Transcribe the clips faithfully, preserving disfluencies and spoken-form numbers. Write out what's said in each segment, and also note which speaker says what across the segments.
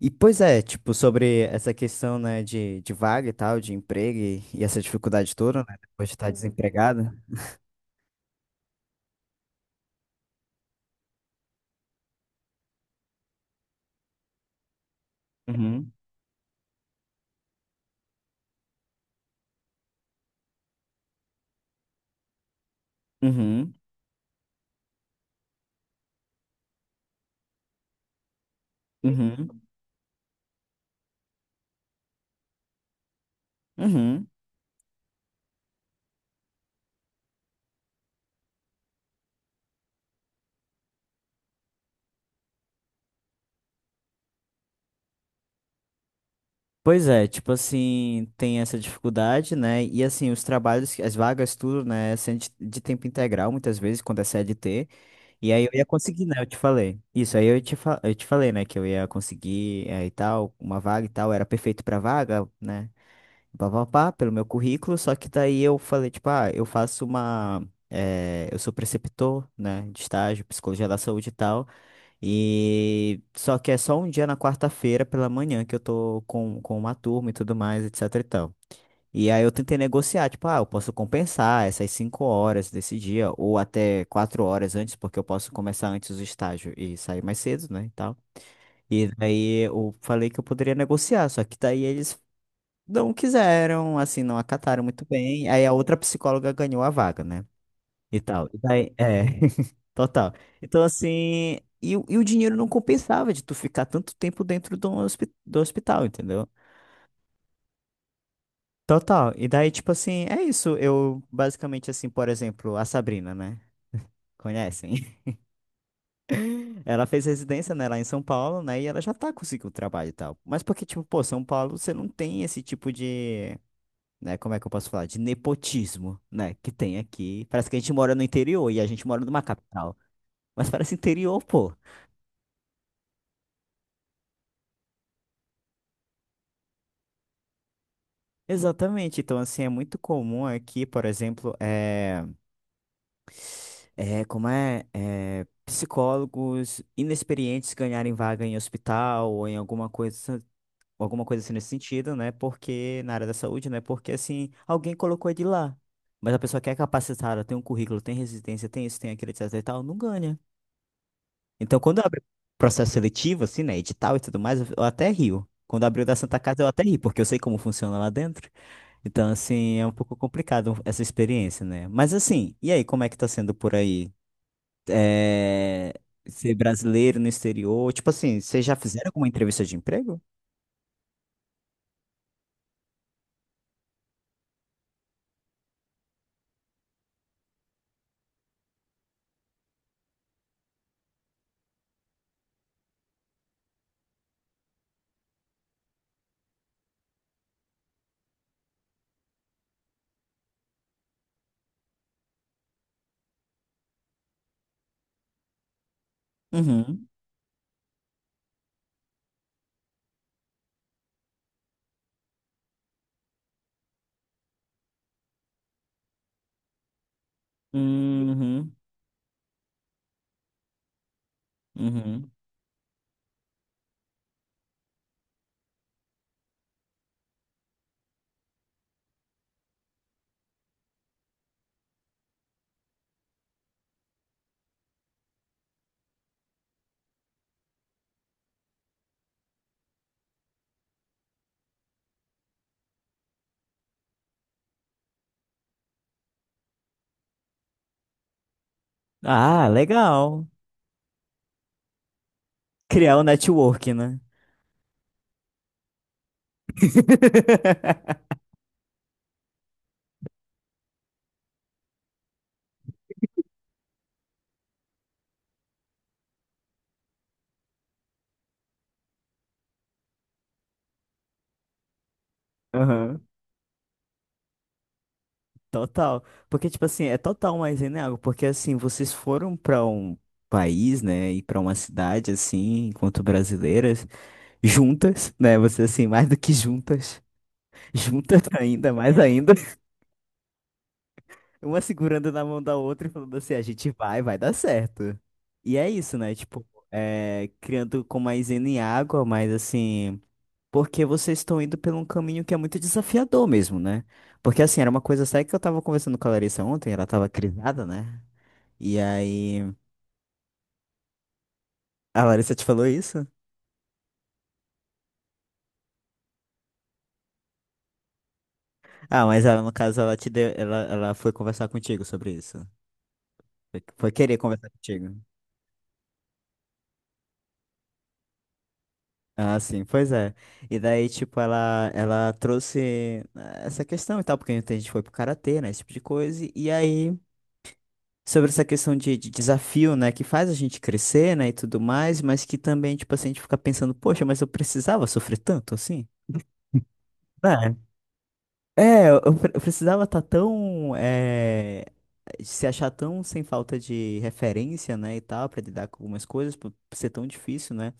Speaker 1: E pois é, tipo, sobre essa questão, né, de, de vaga e tal, de emprego e, e essa dificuldade toda, né, depois de estar desempregada. Uhum, uhum, uhum, uhum. Pois é, tipo assim, tem essa dificuldade, né, e assim, os trabalhos, as vagas, tudo, né, sendo de, de tempo integral, muitas vezes, quando é C L T, e aí eu ia conseguir, né, eu te falei. Isso, aí eu te, fa eu te falei, né, que eu ia conseguir, é, e tal, uma vaga e tal, era perfeito pra vaga, né, pá, pá, pá, pelo meu currículo, só que daí eu falei, tipo, ah, eu faço uma. Eh, eu sou preceptor, né, de estágio, psicologia da saúde e tal, e só que é só um dia na quarta-feira pela manhã que eu tô com, com uma turma e tudo mais, etc e tal. E aí eu tentei negociar, tipo, ah, eu posso compensar essas cinco horas desse dia, ou até quatro horas antes, porque eu posso começar antes o estágio e sair mais cedo, né, e tal. E daí eu falei que eu poderia negociar, só que daí eles não quiseram, assim, não acataram muito bem. Aí a outra psicóloga ganhou a vaga, né? E tal. E daí, é, total. Então, assim, e, o- e o dinheiro não compensava de tu ficar tanto tempo dentro do, hospi- do hospital, entendeu? Total. E daí, tipo assim, é isso. Eu, basicamente, assim, por exemplo, a Sabrina, né? Conhecem? Ela fez residência, né, lá em São Paulo, né? E ela já tá conseguindo trabalho e tal. Mas porque, tipo, pô, São Paulo, você não tem esse tipo de. Né? Como é que eu posso falar? De nepotismo, né? Que tem aqui. Parece que a gente mora no interior e a gente mora numa capital. Mas parece interior, pô. Exatamente. Então, assim, é muito comum aqui, por exemplo, é, é como é, é psicólogos inexperientes ganharem vaga em hospital ou em alguma coisa, alguma coisa assim nesse sentido, né? Porque na área da saúde, né? Porque assim, alguém colocou ele lá. Mas a pessoa que é capacitada, tem um currículo, tem resistência, tem isso, tem aquilo, etc e tal, não ganha. Então, quando abre processo seletivo, assim, né, edital e tudo mais, eu eu até rio. Quando abriu da Santa Casa, eu até ri, porque eu sei como funciona lá dentro. Então, assim, é um pouco complicado essa experiência, né? Mas, assim, e aí, como é que tá sendo por aí? É, ser brasileiro no exterior? Tipo assim, vocês já fizeram alguma entrevista de emprego? Uhum. Uhum. Uhum. Ah, legal. Criar o network, né? Aham. Total. Porque, tipo assim, é total mais algo porque assim, vocês foram pra um país, né, e pra uma cidade, assim, enquanto brasileiras, juntas, né, vocês, assim, mais do que juntas, juntas ainda, mais ainda, uma segurando na mão da outra e falando assim, a gente vai, vai dar certo. E é isso, né, tipo, é, criando com mais em água, mas assim, porque vocês estão indo por um caminho que é muito desafiador mesmo, né? Porque assim, era uma coisa séria que eu tava conversando com a Larissa ontem, ela tava crisada, né? E aí. A Larissa te falou isso? Ah, mas ela, no caso, ela te deu. Ela, ela foi conversar contigo sobre isso. Foi, foi querer conversar contigo. Ah, sim, pois é. E daí, tipo, ela, ela trouxe eh, essa questão e tal, porque a gente foi pro karatê, né? Esse tipo de coisa. E aí, sobre essa questão de, de desafio, né? Que faz a gente crescer, né? E tudo mais, mas que também, tipo assim, a gente fica pensando, poxa, mas eu precisava sofrer tanto assim? Né? É, eu, eu pre- eu precisava estar tão eh, se achar tão sem falta de referência, né, e tal, pra lidar com algumas coisas, por por ser tão difícil, né?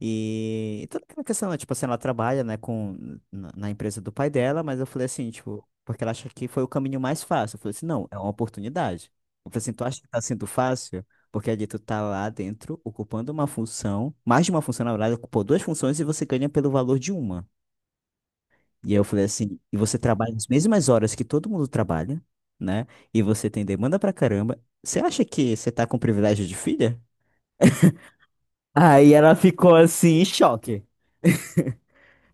Speaker 1: E, e toda aquela questão, né, tipo assim, ela trabalha, né, com, na, na empresa do pai dela, mas eu falei assim, tipo, porque ela acha que foi o caminho mais fácil. Eu falei assim, não, é uma oportunidade. Eu falei assim, tu acha que tá sendo fácil? Porque ali tu tá lá dentro, ocupando uma função, mais de uma função, na verdade, ocupou duas funções e você ganha pelo valor de uma. E aí eu falei assim, e você trabalha as mesmas horas que todo mundo trabalha, né? E você tem demanda pra caramba. Você acha que você tá com privilégio de filha? Aí ela ficou assim, em choque.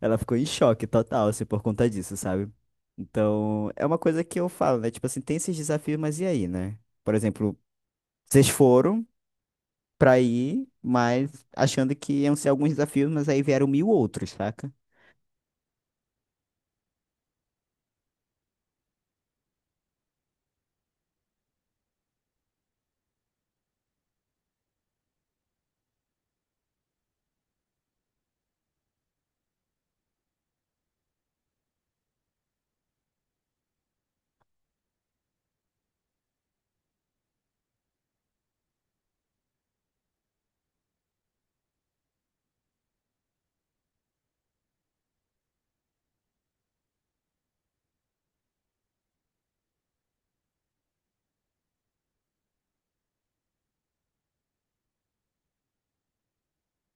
Speaker 1: Ela ficou em choque total, assim, por conta disso, sabe? Então, é uma coisa que eu falo, né? Tipo assim, tem esses desafios, mas e aí, né? Por exemplo, vocês foram pra ir, mas achando que iam ser alguns desafios, mas aí vieram mil outros, saca?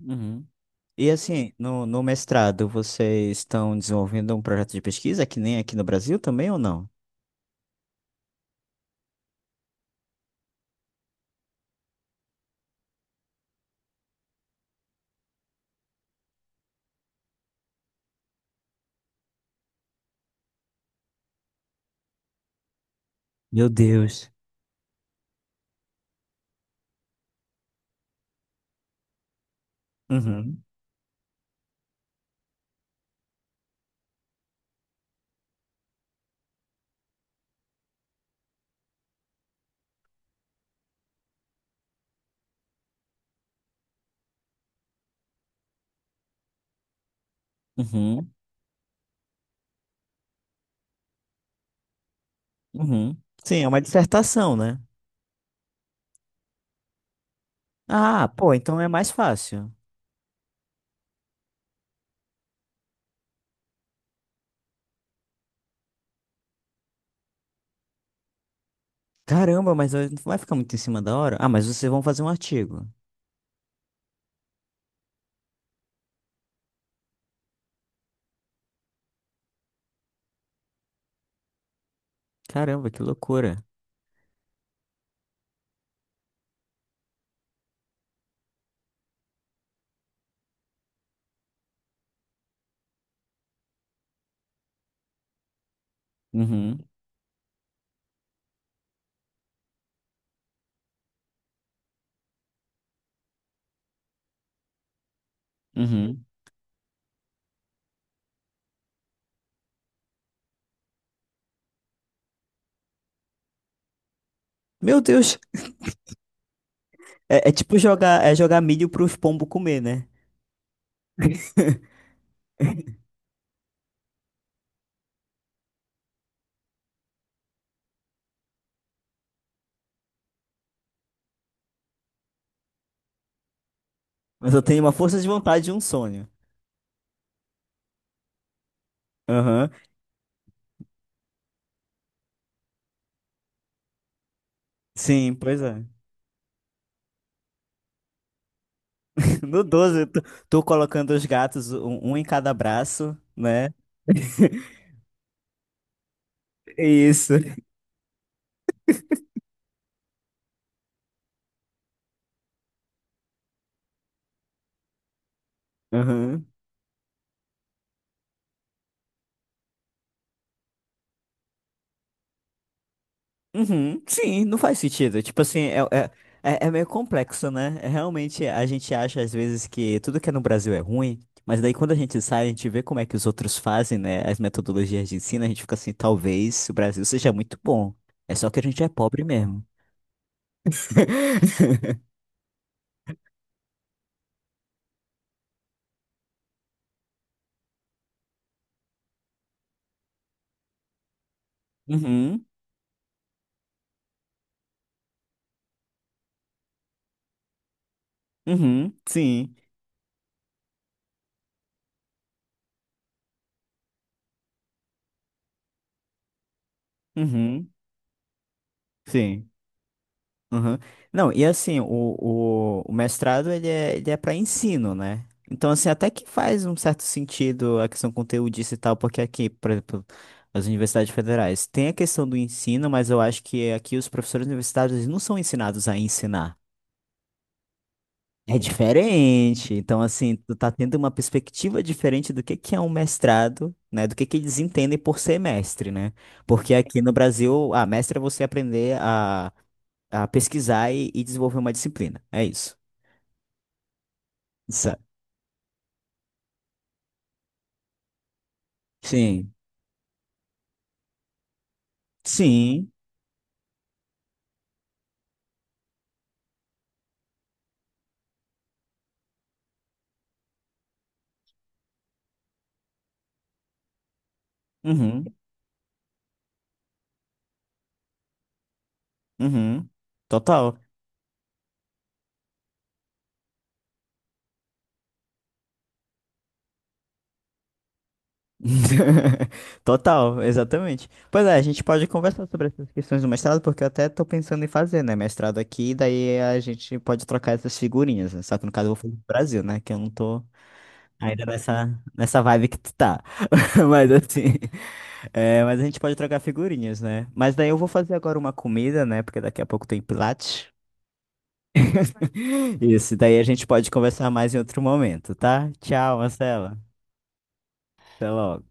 Speaker 1: Uhum. E assim, no, no mestrado, vocês estão desenvolvendo um projeto de pesquisa que nem aqui no Brasil também ou não? Meu Deus. Uhum, uhum, uhum. Sim, é uma dissertação, né? Ah, pô, então é mais fácil. Caramba, mas não vai ficar muito em cima da hora? Ah, mas vocês vão fazer um artigo. Caramba, que loucura. Uhum, uhum. Meu Deus, é, é tipo jogar, é jogar milho pros pombos comer, né? Mas eu tenho uma força de vontade e um sonho. Aham, sim, pois é. No doze tu, tu colocando os gatos, um, um em cada braço, né? É isso. Uhum. Uhum. Sim, não faz sentido. Tipo assim, é, é, é é meio complexo, né? É, realmente a gente acha às vezes que tudo que é no Brasil é ruim, mas daí quando a gente sai, a gente vê como é que os outros fazem, né? As metodologias de ensino, a gente fica assim, talvez o Brasil seja muito bom. É só que a gente é pobre mesmo. Uhum. Uhum. Sim. Uhum. Sim. Uhum. Não, e assim, o, o, o mestrado ele é, ele é para ensino, né? Então, assim, até que faz um certo sentido a questão conteudista e tal, porque aqui, por exemplo, as universidades federais tem a questão do ensino, mas eu acho que aqui os professores universitários eles não são ensinados a ensinar. É diferente. Então, assim, tu tá tendo uma perspectiva diferente do que que é um mestrado, né? Do que que eles entendem por ser mestre, né? Porque aqui no Brasil, ah, mestre é você aprender a a pesquisar e, e desenvolver uma disciplina. É isso. Sabe? Sim. Sim. Uhum. Uhum. Total. Total, exatamente. Pois é, a gente pode conversar sobre essas questões do mestrado, porque eu até tô pensando em fazer, né? Mestrado aqui, e daí a gente pode trocar essas figurinhas, né? Só que no caso eu vou fazer no Brasil, né? Que eu não tô ainda nessa, nessa vibe que tu tá. Mas assim. É, mas a gente pode trocar figurinhas, né? Mas daí eu vou fazer agora uma comida, né? Porque daqui a pouco tem Pilates. Isso, daí a gente pode conversar mais em outro momento, tá? Tchau, Marcela. Até logo.